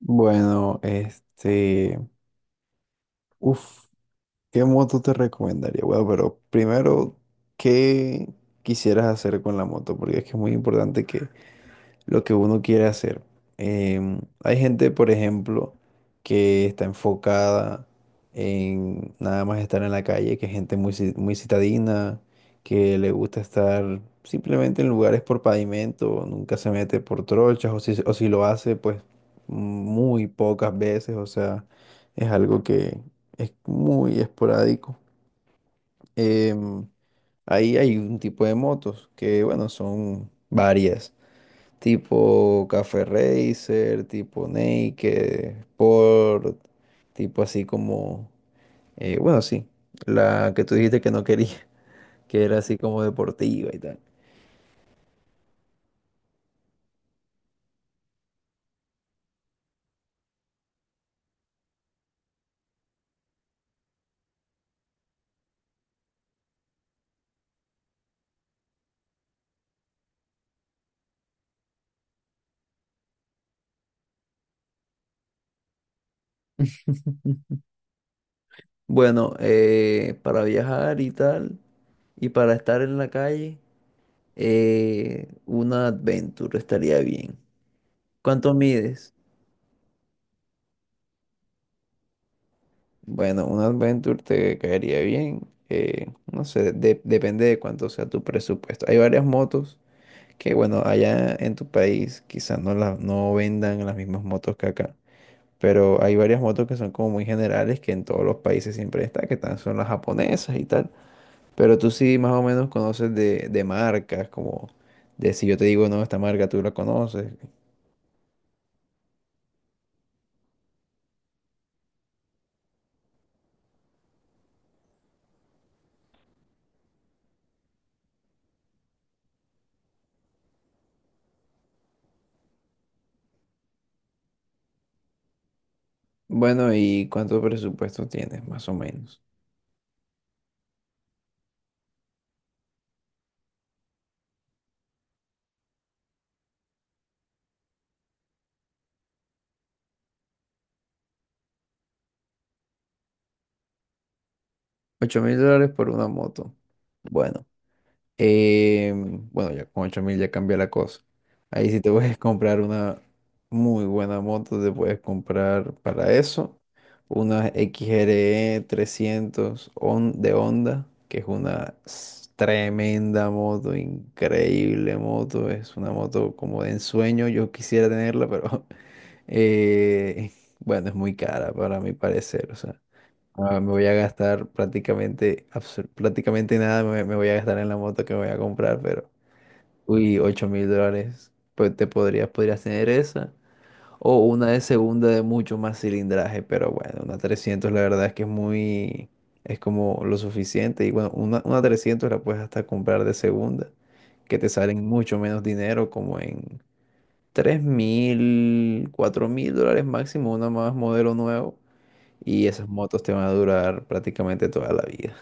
Bueno, este, uf, ¿qué moto te recomendaría? Bueno, pero primero, ¿qué quisieras hacer con la moto? Porque es que es muy importante que lo que uno quiere hacer. Hay gente, por ejemplo, que está enfocada en nada más estar en la calle, que es gente muy, muy citadina, que le gusta estar simplemente en lugares por pavimento, nunca se mete por trochas, o si lo hace, pues muy pocas veces, o sea, es algo que es muy esporádico. Em, Ahí hay un tipo de motos que, bueno, son varias tipo Café Racer, tipo Naked, Sport, tipo así como, bueno, sí, la que tú dijiste que no quería, que era así como deportiva y tal. Bueno, para viajar y tal, y para estar en la calle, una Adventure estaría bien. ¿Cuánto mides? Bueno, una Adventure te caería bien. No sé, depende de cuánto sea tu presupuesto. Hay varias motos que bueno, allá en tu país quizás no, no vendan las mismas motos que acá, pero hay varias motos que son como muy generales que en todos los países siempre está, que son las japonesas y tal, pero tú sí más o menos conoces de, marcas, como de si yo te digo no, esta marca tú la conoces. Bueno, ¿y cuánto presupuesto tienes más o menos? 8.000 dólares por una moto. Bueno. Eh, bueno, ya con 8.000 ya cambia la cosa. Ahí si te puedes comprar una muy buena moto, te puedes comprar para eso una XRE 300 de Honda, que es una tremenda moto, increíble moto. Es una moto como de ensueño, yo quisiera tenerla, pero eh, bueno, es muy cara para mi parecer. O sea, ah, me voy a gastar prácticamente, prácticamente nada me voy a gastar en la moto que me voy a comprar, pero, uy, 8.000 dólares, pues te podrías, tener esa, o una de segunda de mucho más cilindraje, pero bueno, una 300 la verdad es que es muy, es como lo suficiente, y bueno, una 300 la puedes hasta comprar de segunda, que te salen mucho menos dinero, como en 3.000, 4.000 dólares máximo, una más modelo nuevo y esas motos te van a durar prácticamente toda la vida.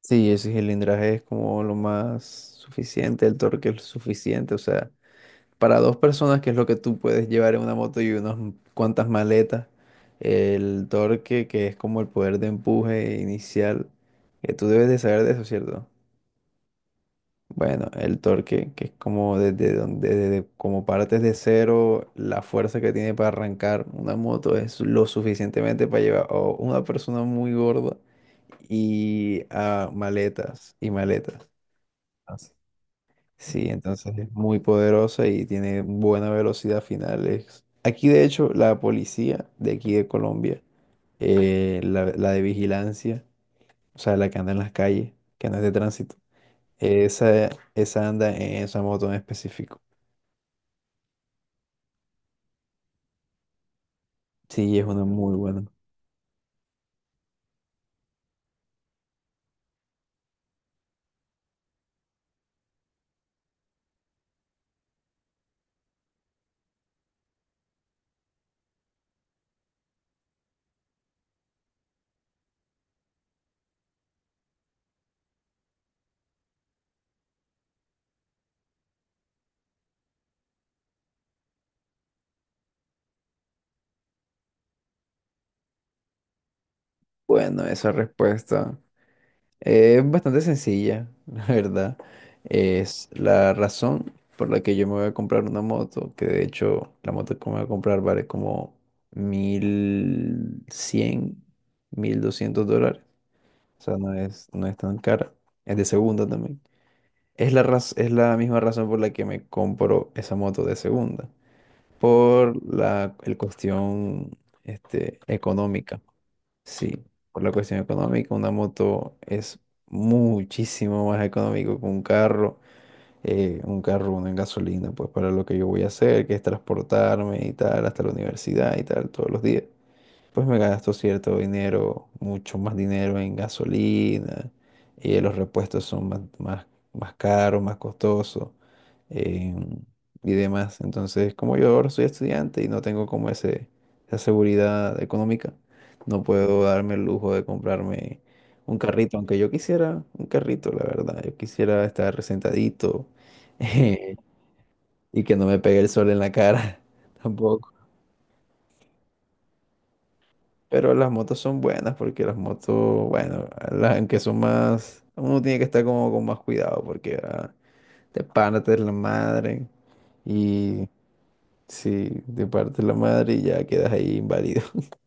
Sí, ese cilindraje es como lo más suficiente, el torque es suficiente. O sea, para dos personas, que es lo que tú puedes llevar en una moto y unas cuantas maletas, el torque, que es como el poder de empuje inicial, que tú debes de saber de eso, ¿cierto? Bueno, el torque, que es como desde donde, desde como partes de cero, la fuerza que tiene para arrancar una moto es lo suficientemente para llevar a una persona muy gorda y a maletas y maletas. Así. Sí, entonces es muy poderosa y tiene buena velocidad final. Aquí, de hecho, la policía de aquí de Colombia, la de vigilancia, o sea, la que anda en las calles, que no es de tránsito, esa, esa anda en esa moto en específico. Sí, es una muy buena. Bueno, esa respuesta. Es bastante sencilla, la verdad. Es la razón por la que yo me voy a comprar una moto, que de hecho la moto que me voy a comprar vale como mil cien mil doscientos dólares. O sea, no es, no es tan cara. Es de segunda también. Es la misma razón por la que me compro esa moto de segunda. Por la el cuestión este, económica. Sí, por la cuestión económica, una moto es muchísimo más económico que un carro. Un carro, uno en gasolina, pues para lo que yo voy a hacer, que es transportarme y tal, hasta la universidad y tal, todos los días pues me gasto cierto dinero, mucho más dinero en gasolina, y los repuestos son más caros, más costosos em, y demás. Entonces, como yo ahora soy estudiante y no tengo como ese, esa seguridad económica, no puedo darme el lujo de comprarme un carrito, aunque yo quisiera un carrito, la verdad. Yo quisiera estar sentadito y que no me pegue el sol en la cara tampoco. Pero las motos son buenas porque las motos, bueno, las que son más, uno tiene que estar como con más cuidado porque ah, te partes la madre y si te partes la madre y ya quedas ahí inválido.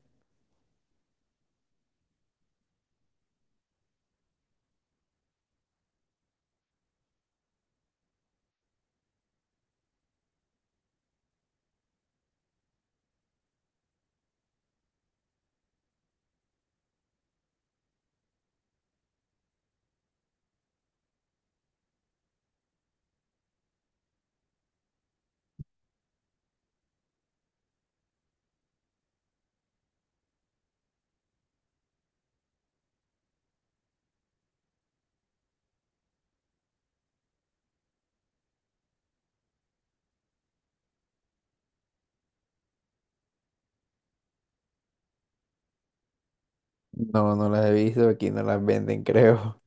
No, no las he visto, aquí no las venden, creo.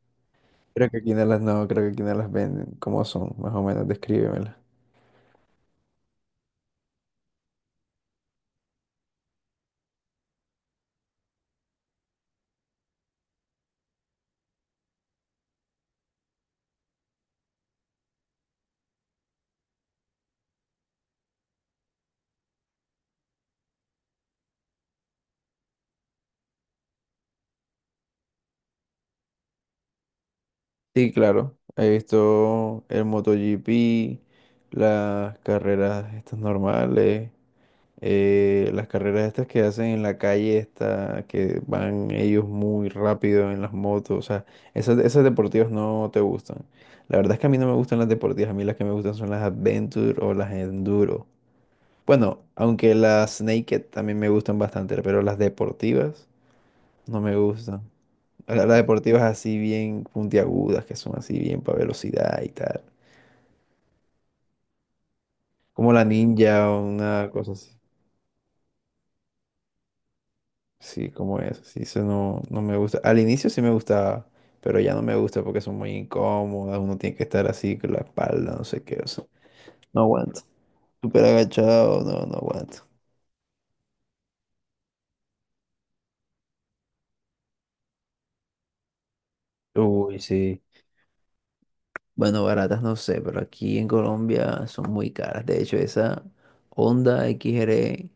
Creo que aquí no las, no, creo que aquí no las venden. ¿Cómo son? Más o menos, descríbemelas. Sí, claro, he visto el MotoGP, las carreras estas normales, las carreras estas que hacen en la calle, esta, que van ellos muy rápido en las motos, o sea, esas, esas deportivas no te gustan. La verdad es que a mí no me gustan las deportivas, a mí las que me gustan son las Adventure o las Enduro. Bueno, aunque las Naked también me gustan bastante, pero las deportivas no me gustan. Las deportivas así bien puntiagudas, que son así bien para velocidad y tal. Como la Ninja o una cosa así. Sí, como eso. Sí, eso no, no me gusta. Al inicio sí me gustaba, pero ya no me gusta porque son muy incómodas. Uno tiene que estar así con la espalda, no sé qué. O sea, no aguanto. Súper agachado, no, no aguanto. Uy, sí. Bueno, baratas no sé, pero aquí en Colombia son muy caras. De hecho, esa Honda XR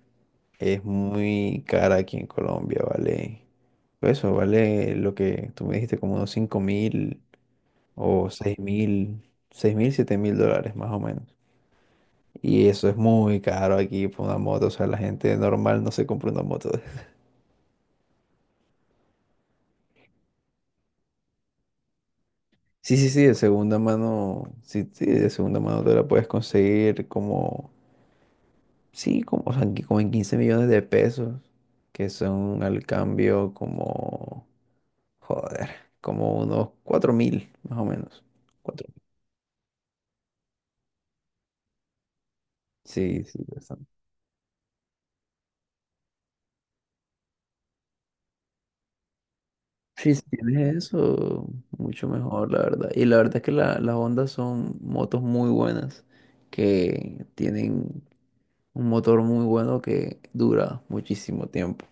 es muy cara aquí en Colombia, vale. Pues eso, vale lo que tú me dijiste, como unos 5.000 o 6.000, 7.000 dólares más o menos. Y eso es muy caro aquí por una moto. O sea, la gente normal no se compra una moto. Sí, sí, sí, de segunda mano. Sí, sí, de segunda mano te la puedes conseguir como. Sí, como, o sea, en como en 15 millones de pesos. Que son al cambio como. Joder, como unos 4.000, más o menos. 4.000. Sí, sí, bastante. Sí, si tienes eso, mucho mejor, la verdad. Y la verdad es que las Hondas son motos muy buenas que tienen. Un motor muy bueno que dura muchísimo tiempo.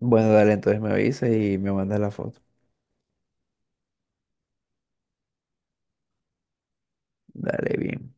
Bueno, dale, entonces me avisas y me mandas la foto. Dale, bien.